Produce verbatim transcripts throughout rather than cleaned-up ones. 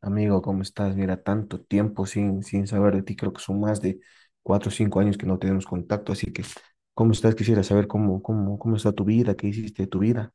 Amigo, ¿cómo estás? Mira, tanto tiempo sin, sin saber de ti, creo que son más de cuatro o cinco años que no tenemos contacto, así que, ¿cómo estás? Quisiera saber cómo, cómo, cómo está tu vida, qué hiciste de tu vida.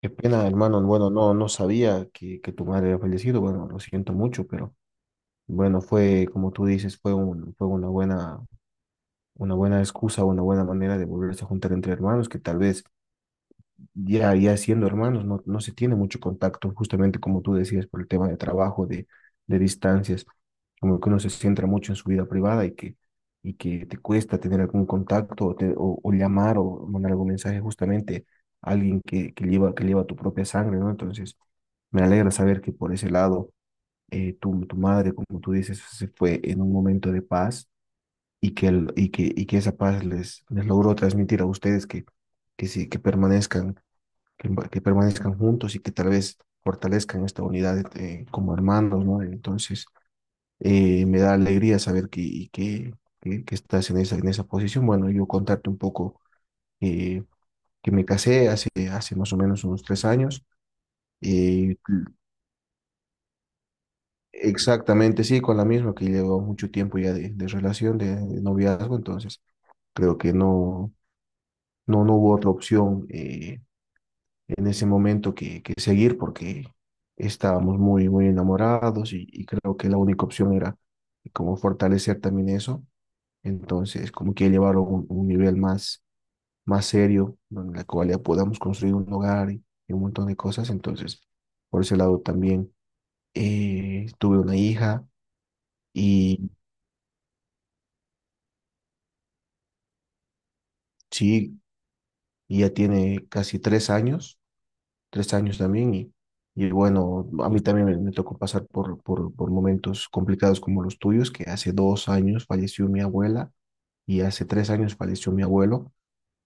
Qué pena, hermano, bueno, no, no sabía que, que tu madre había fallecido, bueno, lo siento mucho, pero bueno, fue, como tú dices, fue un, fue una buena, una buena excusa, una buena manera de volverse a juntar entre hermanos, que tal vez ya, ya siendo hermanos, no, no se tiene mucho contacto, justamente como tú decías, por el tema de trabajo, de, de distancias, como que uno se centra mucho en su vida privada y que, y que te cuesta tener algún contacto o, te- o, o llamar o mandar algún mensaje justamente a alguien que, que lleva, que lleva tu propia sangre, ¿no? Entonces, me alegra saber que por ese lado, eh, tu, tu madre, como tú dices, se fue en un momento de paz y que, el, y que, y que esa paz les, les logró transmitir a ustedes que, que, sí, que permanezcan que, que permanezcan juntos y que tal vez fortalezcan esta unidad eh, como hermanos, ¿no? Entonces, eh, me da alegría saber que, que, que, que estás en esa, en esa posición. Bueno, yo contarte un poco eh, que me casé hace, hace más o menos unos tres años. eh, Exactamente, sí, con la misma que llevo mucho tiempo ya de, de relación, de, de noviazgo, entonces creo que no, no, no hubo otra opción. Eh, en ese momento que, que seguir porque estábamos muy, muy enamorados y, y creo que la única opción era como fortalecer también eso. Entonces, como que llevarlo a un, un nivel más, más serio, donde la cual ya podamos construir un hogar y, y un montón de cosas. Entonces, por ese lado también eh, tuve una hija y sí, ya tiene casi tres años tres años también y, y bueno, a mí también me, me tocó pasar por, por, por momentos complicados como los tuyos, que hace dos años falleció mi abuela y hace tres años falleció mi abuelo,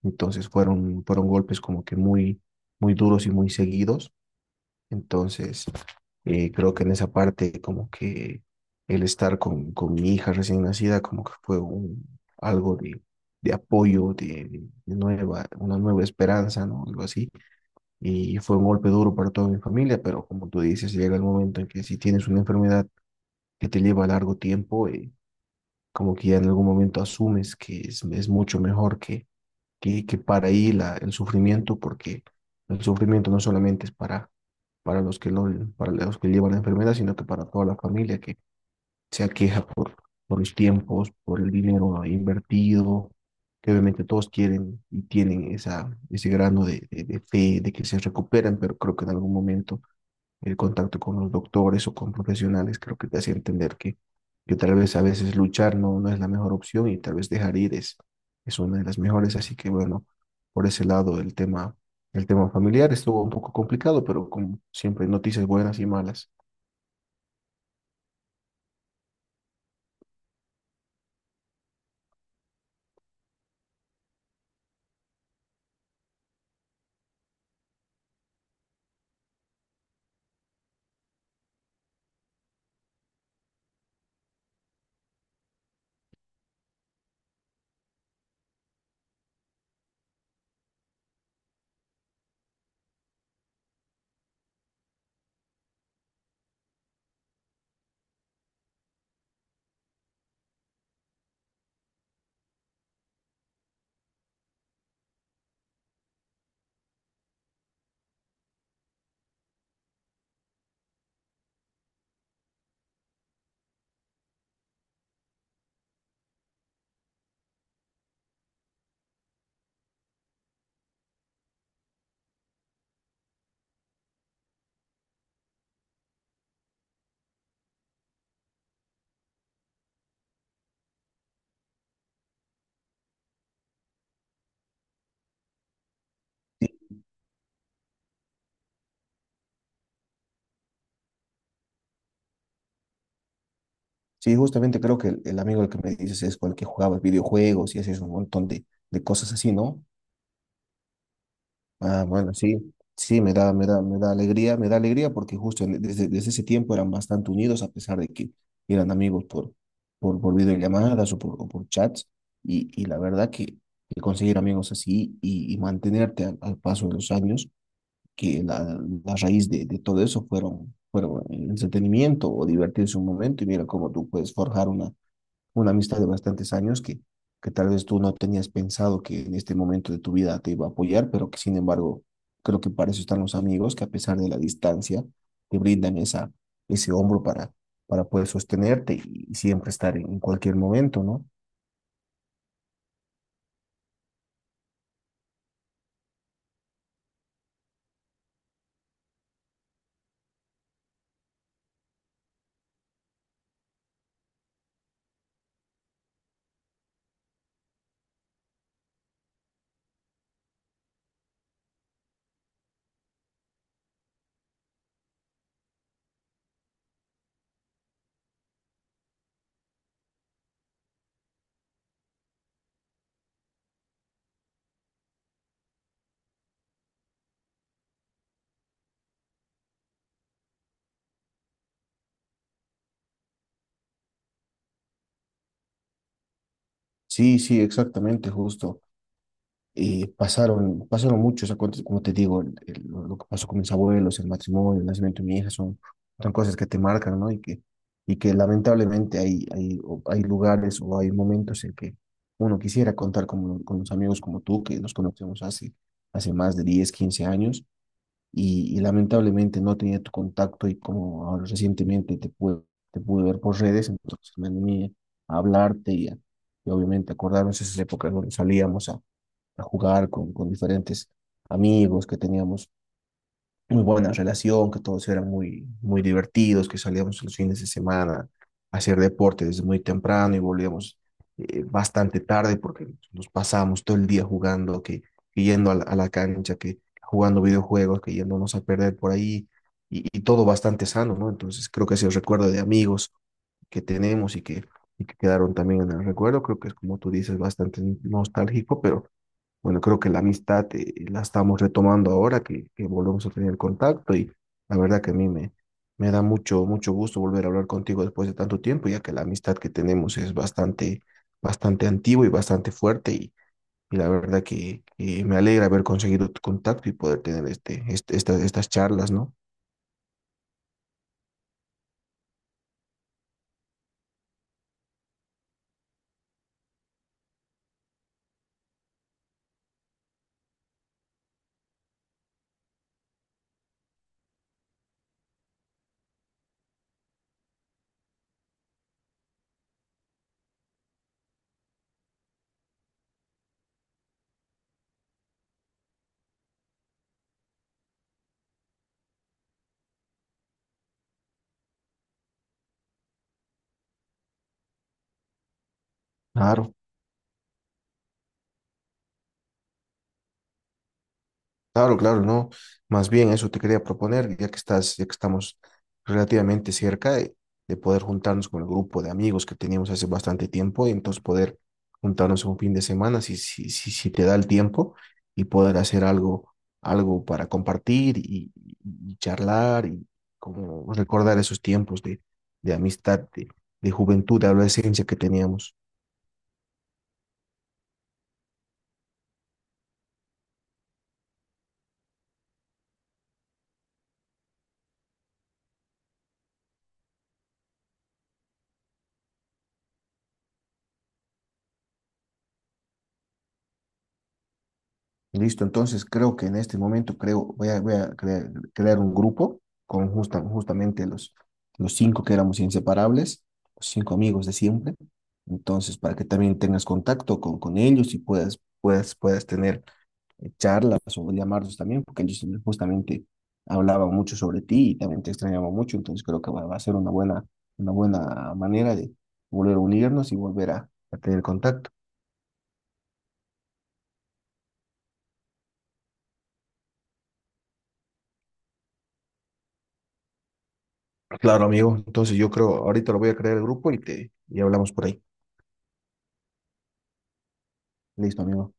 entonces fueron, fueron golpes como que muy, muy duros y muy seguidos, entonces eh, creo que en esa parte como que el estar con, con mi hija recién nacida como que fue un, algo de, de apoyo, de, de nueva, una nueva esperanza, ¿no? Algo así. Y fue un golpe duro para toda mi familia, pero como tú dices, llega el momento en que si tienes una enfermedad que te lleva largo tiempo, eh, como que ya en algún momento asumes que es, es mucho mejor que, que, que para ahí la, el sufrimiento, porque el sufrimiento no solamente es para, para los que lo, para los que llevan la enfermedad, sino que para toda la familia que se aqueja por, por los tiempos, por el dinero invertido, que obviamente todos quieren y tienen esa, ese grano de, de, de fe de que se recuperan, pero creo que en algún momento el contacto con los doctores o con profesionales, creo que te hace entender que, que tal vez a veces luchar no, no es la mejor opción y tal vez dejar ir es, es una de las mejores. Así que bueno, por ese lado el tema, el tema familiar estuvo un poco complicado, pero como siempre, noticias buenas y malas. Sí, sí, justamente creo que el, el amigo al que me dices es con el que jugaba videojuegos y hacías un montón de, de cosas así, ¿no? Ah, bueno, sí, sí, me da, me da, me da alegría, me da alegría porque justo en- desde, desde ese tiempo eran bastante unidos a pesar de que eran amigos por, por, por videollamadas o por, o por chats y, y la verdad que, que conseguir amigos así y, y mantenerte al, al paso de los años, que la, la raíz de, de todo eso fueron, fueron el entretenimiento o divertirse un momento y mira cómo tú puedes forjar una, una amistad de bastantes años que, que tal vez tú no tenías pensado que en este momento de tu vida te iba a apoyar, pero que sin embargo creo que para eso están los amigos, que a pesar de la distancia te brindan esa, ese hombro para, para poder sostenerte y siempre estar en, en cualquier momento, ¿no? Sí, sí, exactamente, justo. Y pasaron, pasaron muchos, acontec- como te digo, el- el- lo lo que pasó con mis abuelos, el matrimonio, el nacimiento de mi hija, son, son cosas que te marcan, ¿no? Y que, y que lamentablemente hay, hay, o- hay lugares o hay momentos en que uno quisiera contar con, lo- con los amigos como tú, que nos conocemos hace, hace más de diez quince años, y, y lamentablemente no tenía tu contacto y como ahora recientemente te pude, te pude ver por redes, entonces me animé a hablarte y, a- y obviamente acordarnos esas épocas donde salíamos a a jugar con, con diferentes amigos, que teníamos muy buena relación, que todos eran muy, muy divertidos, que salíamos los fines de semana a hacer deporte desde muy temprano y volvíamos eh, bastante tarde porque nos pasábamos todo el día jugando, que, que yendo a la, a la cancha, que jugando videojuegos, que yéndonos a perder por ahí y, y todo bastante sano, ¿no? Entonces creo que ese recuerdo de amigos que tenemos y que, y que quedaron también en el recuerdo, creo que es como tú dices, bastante nostálgico, pero bueno, creo que la amistad eh, la estamos retomando ahora que, que volvemos a tener contacto y la verdad que a mí me, me da mucho, mucho gusto volver a hablar contigo después de tanto tiempo, ya que la amistad que tenemos es bastante, bastante antigua y bastante fuerte y, y la verdad que, que me alegra haber conseguido tu contacto y poder tener este, este, esta- estas charlas, ¿no? Claro. Claro, claro, no. Más bien eso te quería proponer, ya que estás, ya que estamos relativamente cerca de, de poder juntarnos con el grupo de amigos que teníamos hace bastante tiempo y entonces poder juntarnos un fin de semana si, si, si, si te da el tiempo y poder hacer algo, algo para compartir y, y y charlar y como recordar esos tiempos de, de amistad, de, de juventud, de adolescencia que teníamos. Listo, entonces creo que en este momento creo, voy a, voy a crear, crear un grupo con justa- justamente los, los cinco que éramos inseparables, los cinco amigos de siempre. Entonces, para que también tengas contacto con, con ellos y puedas, puedas, puedas tener eh, charlas o llamarlos también, porque ellos justamente hablaban mucho sobre ti y también te extrañaban mucho. Entonces, creo que va, va a ser una buena, una buena manera de volver a unirnos y volver a a tener contacto. Claro, amigo. Entonces yo creo, ahorita lo voy a crear el grupo y te y hablamos por ahí. Listo, amigo.